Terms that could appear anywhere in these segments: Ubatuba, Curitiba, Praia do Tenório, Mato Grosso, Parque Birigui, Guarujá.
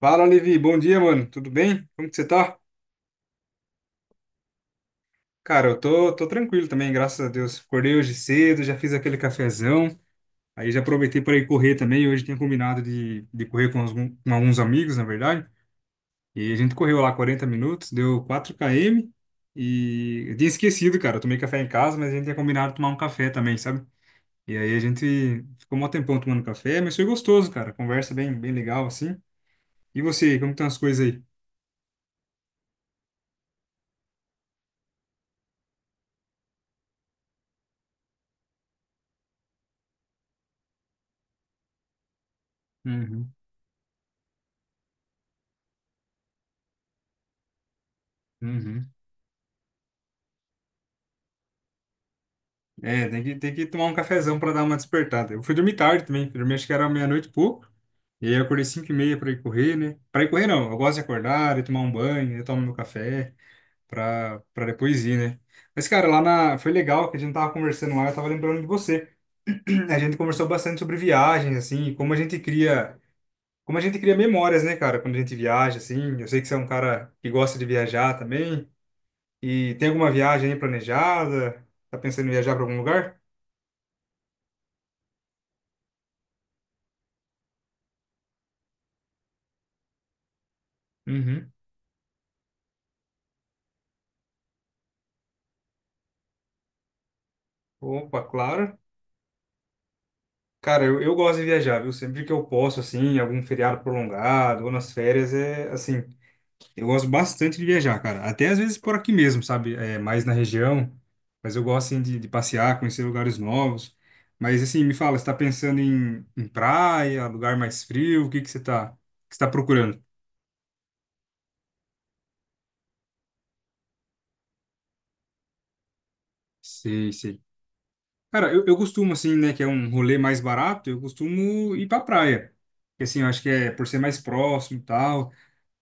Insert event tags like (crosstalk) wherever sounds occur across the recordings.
Fala, Levi. Bom dia, mano. Tudo bem? Como que você tá? Cara, eu tô tranquilo também, graças a Deus. Acordei hoje cedo, já fiz aquele cafezão. Aí já aproveitei para ir correr também. Hoje tinha combinado de correr com alguns amigos, na verdade. E a gente correu lá 40 minutos, deu 4 km. E eu tinha esquecido, cara. Eu tomei café em casa, mas a gente tinha combinado de tomar um café também, sabe? E aí a gente ficou um tempão tomando café, mas foi gostoso, cara. Conversa bem, bem legal, assim. E você, como que estão as coisas aí? Uhum, uhum. É, tem que tomar um cafezão pra dar uma despertada. Eu fui dormir tarde também, fui dormir acho que era meia-noite e pouco, e aí eu acordei 5h30 pra ir correr, né? Pra ir correr não, eu gosto de acordar, de tomar um banho, de tomar meu café, pra depois ir, né? Mas, cara, foi legal que a gente tava conversando lá, eu tava lembrando de você. (clears throat) A gente conversou bastante sobre viagens, assim, e como a gente cria, como a gente cria memórias, né, cara, quando a gente viaja, assim. Eu sei que você é um cara que gosta de viajar também, e tem alguma viagem aí planejada? Tá pensando em viajar pra algum lugar? Opa, claro. Cara, eu gosto de viajar, viu? Sempre que eu posso, assim, em algum feriado prolongado ou nas férias, é assim, eu gosto bastante de viajar, cara. Até às vezes por aqui mesmo, sabe? É, mais na região, mas eu gosto, assim, de passear, conhecer lugares novos. Mas, assim, me fala, você tá pensando em praia, lugar mais frio? O que que que você tá procurando? Sei, sei. Cara, eu costumo, assim, né, que é um rolê mais barato, eu costumo ir pra praia. Porque, assim, eu acho que é por ser mais próximo e tal.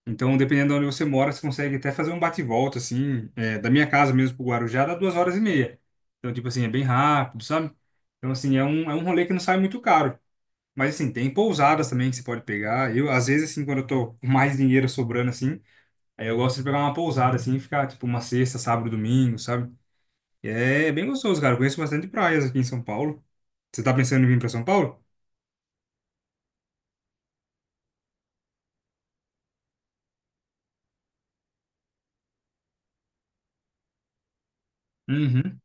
Então, dependendo de onde você mora, você consegue até fazer um bate-volta, assim, é, da minha casa mesmo pro Guarujá, dá 2 horas e meia. Então, tipo assim, é bem rápido, sabe? Então, assim, é um rolê que não sai muito caro. Mas, assim, tem pousadas também que você pode pegar. Eu, às vezes, assim, quando eu tô com mais dinheiro sobrando, assim, aí eu gosto de pegar uma pousada, assim, e ficar, tipo, uma sexta, sábado, domingo, sabe? E é bem gostoso, cara. Eu conheço bastante praias aqui em São Paulo. Você tá pensando em vir pra São Paulo? Uhum.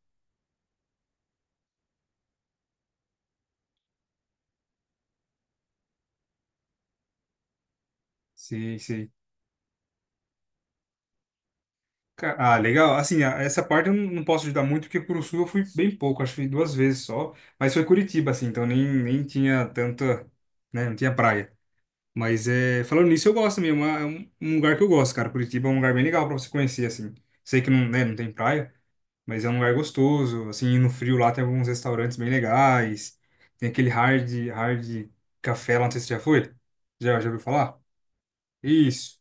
Sei, sei. Ah, legal. Assim, essa parte eu não posso ajudar muito, porque pro sul eu fui bem pouco, acho que fui duas vezes só. Mas foi Curitiba, assim, então nem tinha tanta, né, não tinha praia. Mas é, falando nisso, eu gosto mesmo, é um lugar que eu gosto, cara. Curitiba é um lugar bem legal pra você conhecer, assim. Sei que não, né, não tem praia, mas é um lugar gostoso, assim, e no frio lá tem alguns restaurantes bem legais. Tem aquele hard café lá, não sei se você já foi. Já ouviu falar? Isso.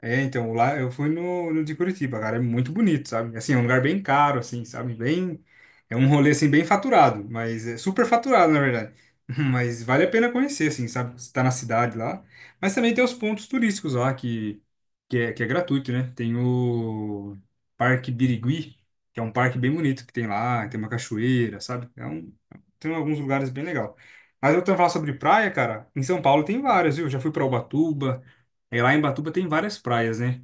É, então, lá eu fui no de Curitiba, cara, é muito bonito, sabe? Assim, é um lugar bem caro, assim, sabe? Bem, é um rolê, assim, bem faturado, mas é super faturado, na verdade. (laughs) Mas vale a pena conhecer, assim, sabe? Você tá na cidade lá. Mas também tem os pontos turísticos lá, que é gratuito, né? Tem o Parque Birigui, que é um parque bem bonito que tem lá, tem uma cachoeira, sabe? Tem alguns lugares bem legal. Mas eu tô falando sobre praia, cara, em São Paulo tem várias, viu? Já fui pra Ubatuba, é, lá em Batuba tem várias praias, né?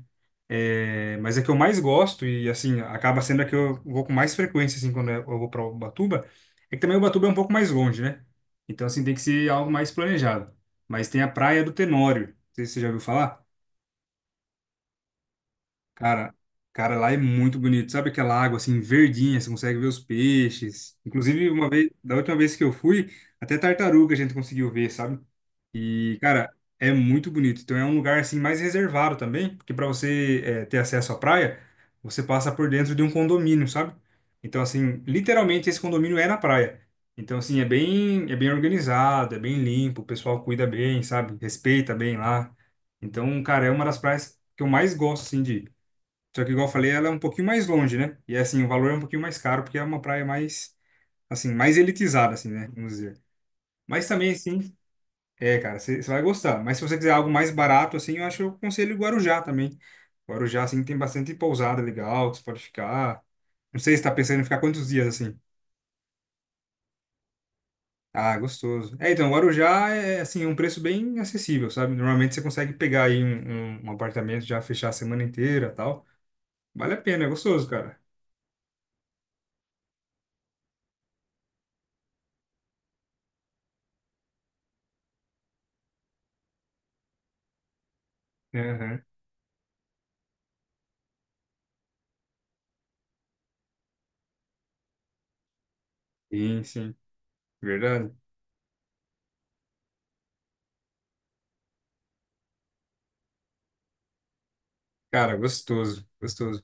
É, mas a que eu mais gosto, e assim, acaba sendo a que eu vou com mais frequência, assim, quando eu vou para Ubatuba, é que também Ubatuba é um pouco mais longe, né? Então, assim, tem que ser algo mais planejado. Mas tem a Praia do Tenório, não sei se você já ouviu falar. Cara, cara, lá é muito bonito. Sabe aquela água, assim, verdinha, você consegue ver os peixes. Inclusive, uma vez, da última vez que eu fui, até tartaruga a gente conseguiu ver, sabe? E, cara, é muito bonito. Então é um lugar assim mais reservado também, porque para você ter acesso à praia, você passa por dentro de um condomínio, sabe? Então assim, literalmente esse condomínio é na praia. Então assim, é bem organizado, é bem limpo, o pessoal cuida bem, sabe? Respeita bem lá. Então, cara, é uma das praias que eu mais gosto assim de ir. Só que igual eu falei, ela é um pouquinho mais longe, né? E assim, o valor é um pouquinho mais caro porque é uma praia mais assim, mais elitizada assim, né? Vamos dizer. Mas também assim, é, cara, você vai gostar. Mas se você quiser algo mais barato, assim, eu acho que eu aconselho Guarujá também. Guarujá, assim, tem bastante pousada legal, que você pode ficar. Não sei se tá pensando em ficar quantos dias, assim. Ah, gostoso. É, então, Guarujá é, assim, é um preço bem acessível, sabe? Normalmente você consegue pegar aí um apartamento, já fechar a semana inteira tal. Vale a pena, é gostoso, cara. Aham. Sim, sim. Verdade. Cara, gostoso, gostoso.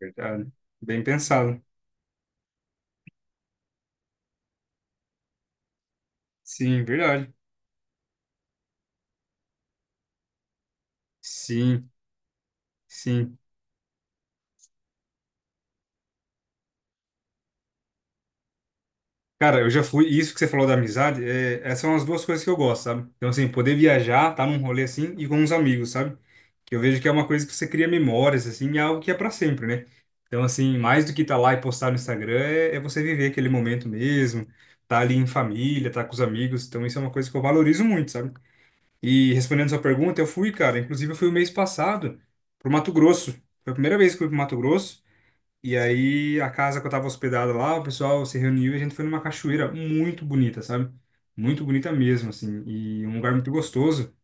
Verdade. Bem pensado. Sim, verdade. Sim, sim. Cara, eu já fui. Isso que você falou da amizade, é, essas são as duas coisas que eu gosto, sabe? Então, assim, poder viajar, tá num rolê assim e com uns amigos, sabe? Que eu vejo que é uma coisa que você cria memórias, assim, e é algo que é pra sempre, né? Então, assim, mais do que tá lá e postar no Instagram, é você viver aquele momento mesmo, tá ali em família, tá com os amigos. Então, isso é uma coisa que eu valorizo muito, sabe? E respondendo sua pergunta, eu fui, cara. Inclusive, eu fui o mês passado pro Mato Grosso. Foi a primeira vez que eu fui pro Mato Grosso. E aí, a casa que eu tava hospedado lá, o pessoal se reuniu e a gente foi numa cachoeira muito bonita, sabe? Muito bonita mesmo, assim, e um lugar muito gostoso.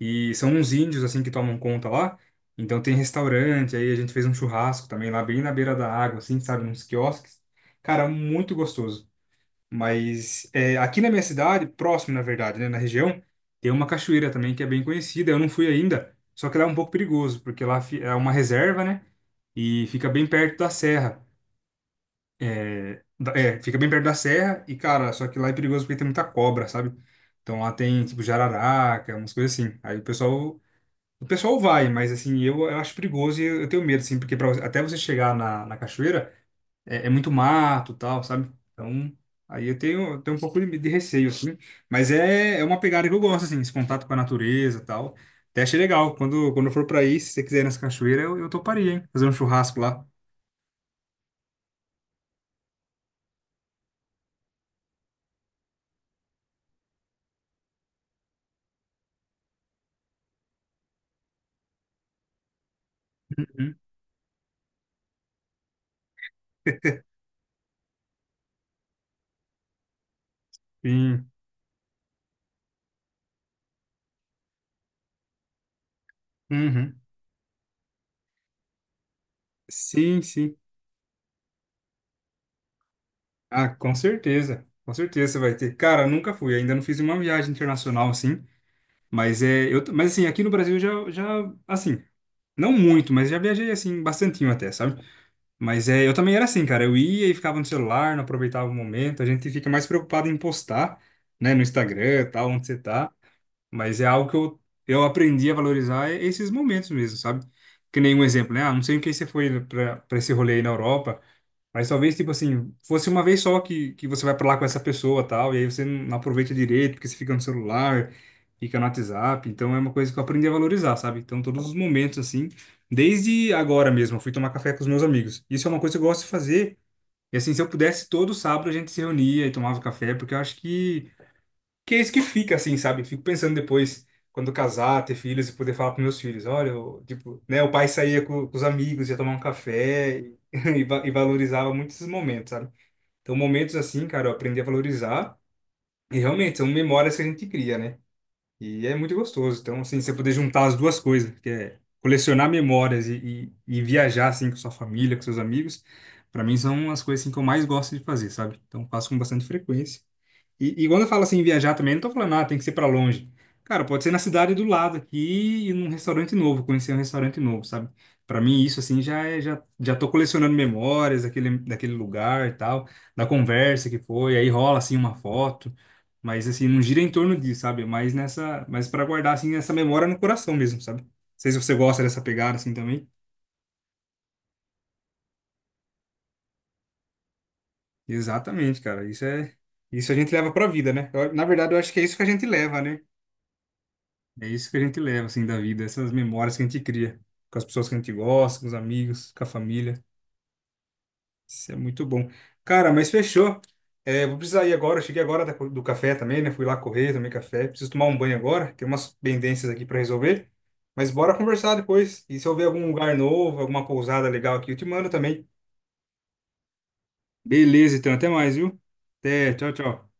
E são uns índios, assim, que tomam conta lá. Então tem restaurante, aí a gente fez um churrasco também lá, bem na beira da água, assim, sabe? Uns quiosques. Cara, muito gostoso. Mas é, aqui na minha cidade, próximo, na verdade, né, na região, tem uma cachoeira também que é bem conhecida. Eu não fui ainda, só que lá é um pouco perigoso, porque lá é uma reserva, né? E fica bem perto da serra. É, fica bem perto da serra e, cara, só que lá é perigoso porque tem muita cobra, sabe? Então lá tem, tipo, jararaca, umas coisas assim. Aí o pessoal vai, mas assim, eu acho perigoso e eu tenho medo, assim, porque até você chegar na, na cachoeira é, é muito mato e tal, sabe? Então, aí eu tenho um pouco de receio, assim. Mas é, é uma pegada que eu gosto, assim, esse contato com a natureza e tal. Até achei legal. Quando eu for pra aí, se você quiser ir nessa cachoeira, eu toparia, hein? Fazer um churrasco lá. Uhum. Sim. Uhum. Sim, sim. Ah, com certeza. Com certeza você vai ter. Cara, nunca fui, ainda não fiz uma viagem internacional assim, mas é, eu, mas assim, aqui no Brasil eu já assim, não muito, mas já viajei assim bastantinho até, sabe? Mas é, eu também era assim, cara, eu ia e ficava no celular, não aproveitava o momento, a gente fica mais preocupado em postar, né, no Instagram, tal, onde você tá, mas é algo que eu aprendi a valorizar é esses momentos mesmo, sabe? Que nem um exemplo, né? Ah, não sei o que você foi pra para esse rolê aí na Europa, mas talvez, tipo assim, fosse uma vez só que você vai pra lá com essa pessoa tal, e aí você não aproveita direito, porque você fica no celular, fica no WhatsApp. Então é uma coisa que eu aprendi a valorizar, sabe? Então todos os momentos, assim, desde agora mesmo, eu fui tomar café com os meus amigos. Isso é uma coisa que eu gosto de fazer. E assim, se eu pudesse, todo sábado a gente se reunia e tomava café, porque eu acho que é isso que fica, assim, sabe? Fico pensando depois, quando eu casar, ter filhos e poder falar pros meus filhos, olha, eu, tipo, né, o pai saía com os amigos, ia tomar um café e, (laughs) e valorizava muito esses momentos, sabe? Então, momentos assim, cara, eu aprendi a valorizar e realmente são memórias que a gente cria, né? E é muito gostoso. Então, assim, você poder juntar as duas coisas, que é colecionar memórias e viajar, assim, com sua família, com seus amigos, para mim são as coisas, assim, que eu mais gosto de fazer, sabe? Então, faço com bastante frequência. E quando eu falo assim, viajar também, não tô falando, ah, tem que ser pra longe. Cara, pode ser na cidade do lado aqui e num restaurante novo, conhecer um restaurante novo, sabe? Pra mim, isso assim já tô colecionando memórias daquele lugar e tal, da conversa que foi, aí rola assim uma foto, mas assim, não gira em torno disso, sabe? Mas nessa, mas para guardar assim essa memória no coração mesmo, sabe? Não sei se você gosta dessa pegada assim também. Exatamente, cara, isso a gente leva pra vida, né? Na verdade, eu acho que é isso que a gente leva, né? É isso que a gente leva, assim, da vida, essas memórias que a gente cria com as pessoas que a gente gosta, com os amigos, com a família. Isso é muito bom. Cara, mas fechou. É, vou precisar ir agora. Eu cheguei agora do café também, né? Fui lá correr, tomei café. Preciso tomar um banho agora. Tem umas pendências aqui para resolver. Mas bora conversar depois. E se eu ver algum lugar novo, alguma pousada legal aqui, eu te mando também. Beleza, então, até mais, viu? Até, tchau, tchau.